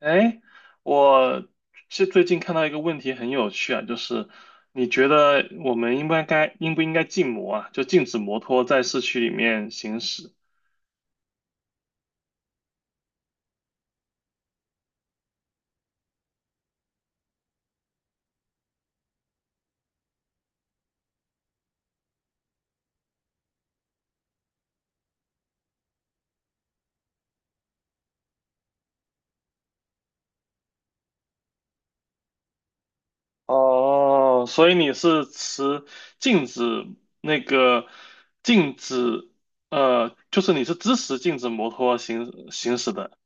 哎，我是最近看到一个问题很有趣啊，就是你觉得我们应不应该禁摩啊？就禁止摩托在市区里面行驶。哦，所以你是持禁止那个禁止就是你是支持禁止摩托行驶的。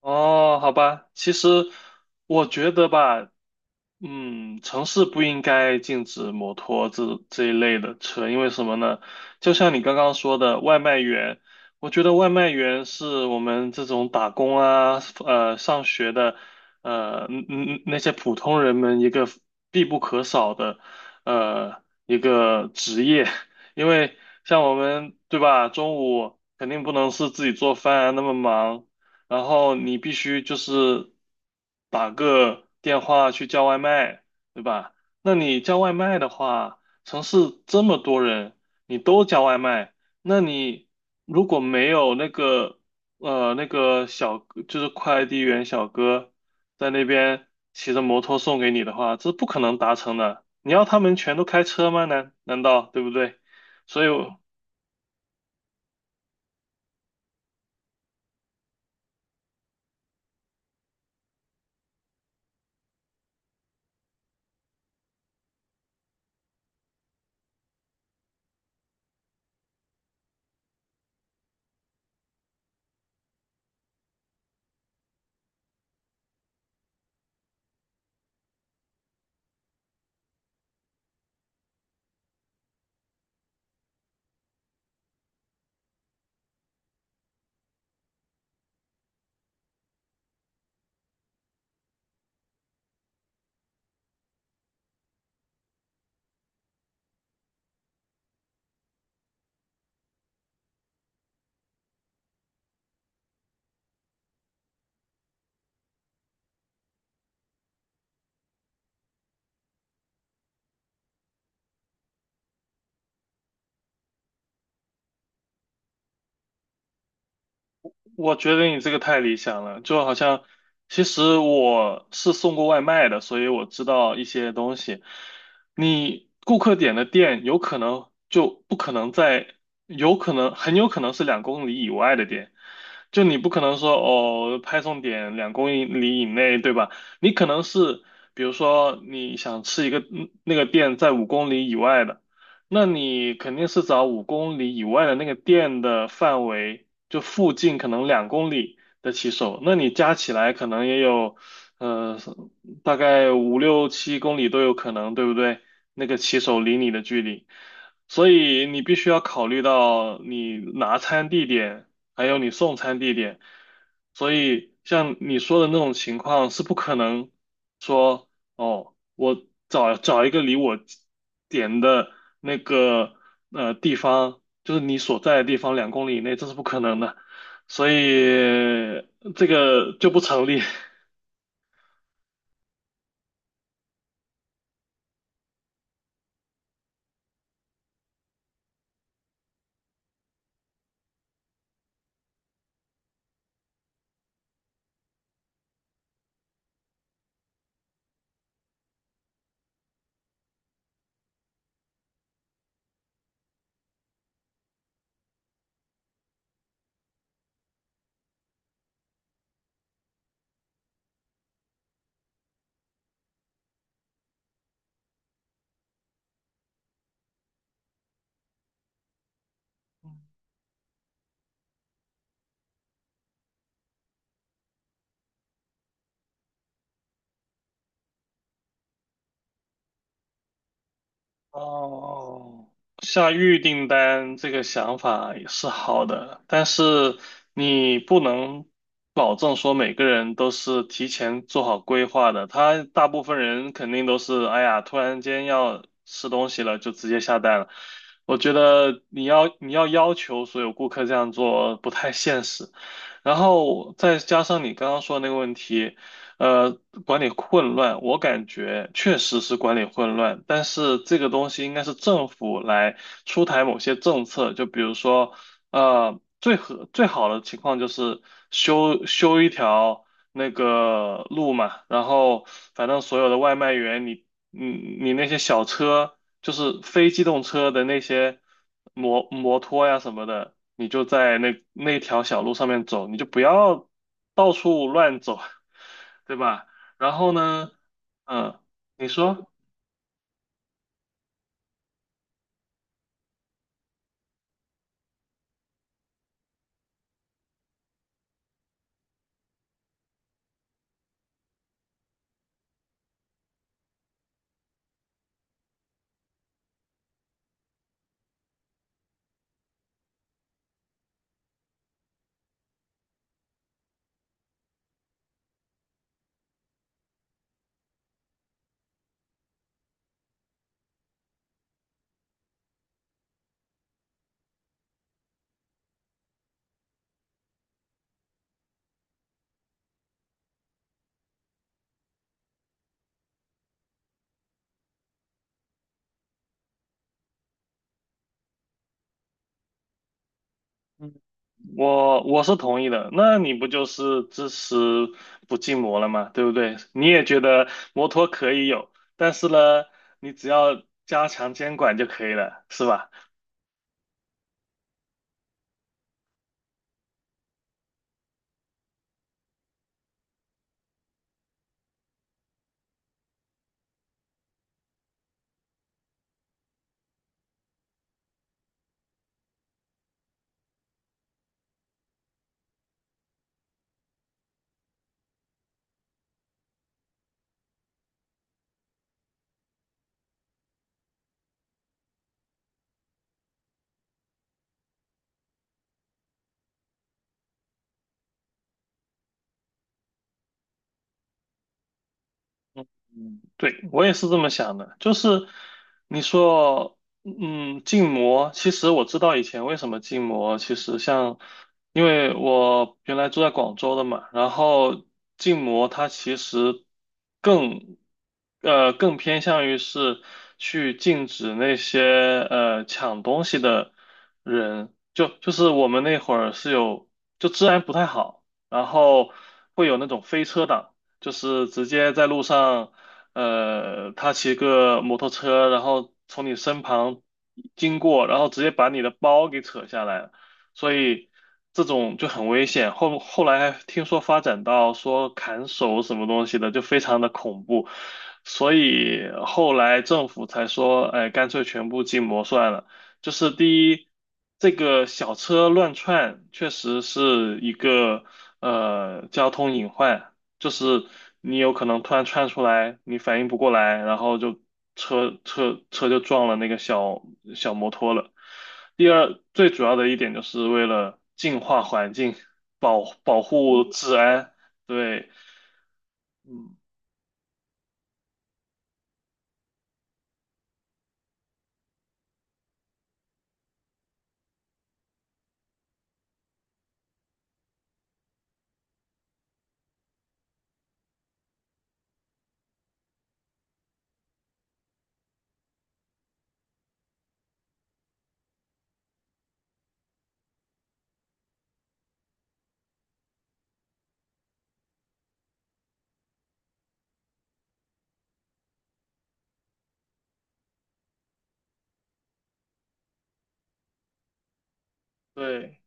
哦，好吧，其实我觉得吧。嗯，城市不应该禁止摩托这一类的车，因为什么呢？就像你刚刚说的，外卖员，我觉得外卖员是我们这种打工啊，上学的，那些普通人们一个必不可少的，一个职业，因为像我们，对吧？中午肯定不能是自己做饭啊，那么忙。然后你必须就是打个电话去叫外卖，对吧？那你叫外卖的话，城市这么多人，你都叫外卖，那你如果没有那个那个小就是快递员小哥在那边骑着摩托送给你的话，这不可能达成的。你要他们全都开车吗？难道对不对？所以我觉得你这个太理想了，就好像其实我是送过外卖的，所以我知道一些东西。你顾客点的店有可能就不可能在，有可能很有可能是两公里以外的店，就你不可能说哦派送点两公里以内，对吧？你可能是比如说你想吃一个那个店在五公里以外的。那你肯定是找五公里以外的那个店的范围，就附近可能两公里的骑手，那你加起来可能也有，呃，大概五六七公里都有可能，对不对？那个骑手离你的距离，所以你必须要考虑到你拿餐地点，还有你送餐地点，所以像你说的那种情况是不可能。说。哦，我找一个离我点的那个地方，就是你所在的地方两公里以内，这是不可能的，所以这个就不成立。哦，下预订单这个想法也是好的，但是你不能保证说每个人都是提前做好规划的。他大部分人肯定都是，哎呀，突然间要吃东西了，就直接下单了。我觉得你要要求所有顾客这样做不太现实。然后再加上你刚刚说的那个问题。呃，管理混乱，我感觉确实是管理混乱，但是这个东西应该是政府来出台某些政策，就比如说，最好的情况就是修一条那个路嘛，然后反正所有的外卖员，你那些小车，就是非机动车的那些摩托呀什么的，你就在那条小路上面走，你就不要到处乱走。对吧？然后呢，嗯，你说，嗯，我是同意的，那你不就是支持不禁摩了吗？对不对？你也觉得摩托可以有，但是呢，你只要加强监管就可以了，是吧？嗯，对，我也是这么想的，就是你说，嗯，禁摩，其实我知道以前为什么禁摩，其实像，因为我原来住在广州的嘛，然后禁摩它其实更，更偏向于是去禁止那些抢东西的人，就是我们那会儿是有，就治安不太好，然后会有那种飞车党。就是直接在路上他骑个摩托车，然后从你身旁经过，然后直接把你的包给扯下来了，所以这种就很危险。后来还听说发展到说砍手什么东西的，就非常的恐怖，所以后来政府才说，哎，干脆全部禁摩算了。就是第一，这个小车乱窜确实是一个交通隐患。就是你有可能突然窜出来，你反应不过来，然后就车就撞了那个小摩托了。第二，最主要的一点就是为了净化环境，保护治安，对。嗯，对，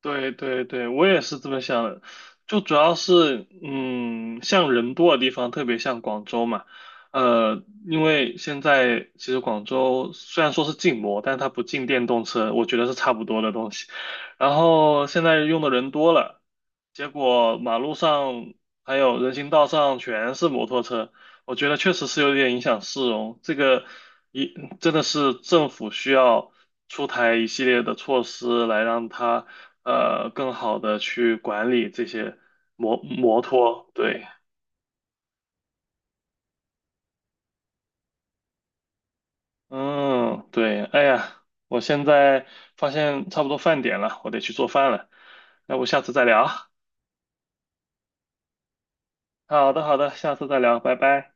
对对对，我也是这么想的，就主要是，嗯，像人多的地方，特别像广州嘛，因为现在其实广州虽然说是禁摩，但它不禁电动车，我觉得是差不多的东西。然后现在用的人多了，结果马路上还有人行道上全是摩托车，我觉得确实是有点影响市容，这个。一真的是政府需要出台一系列的措施来让它更好的去管理这些摩托。对，嗯，对，哎呀，我现在发现差不多饭点了，我得去做饭了。那我下次再聊啊。好的，好的，下次再聊，拜拜。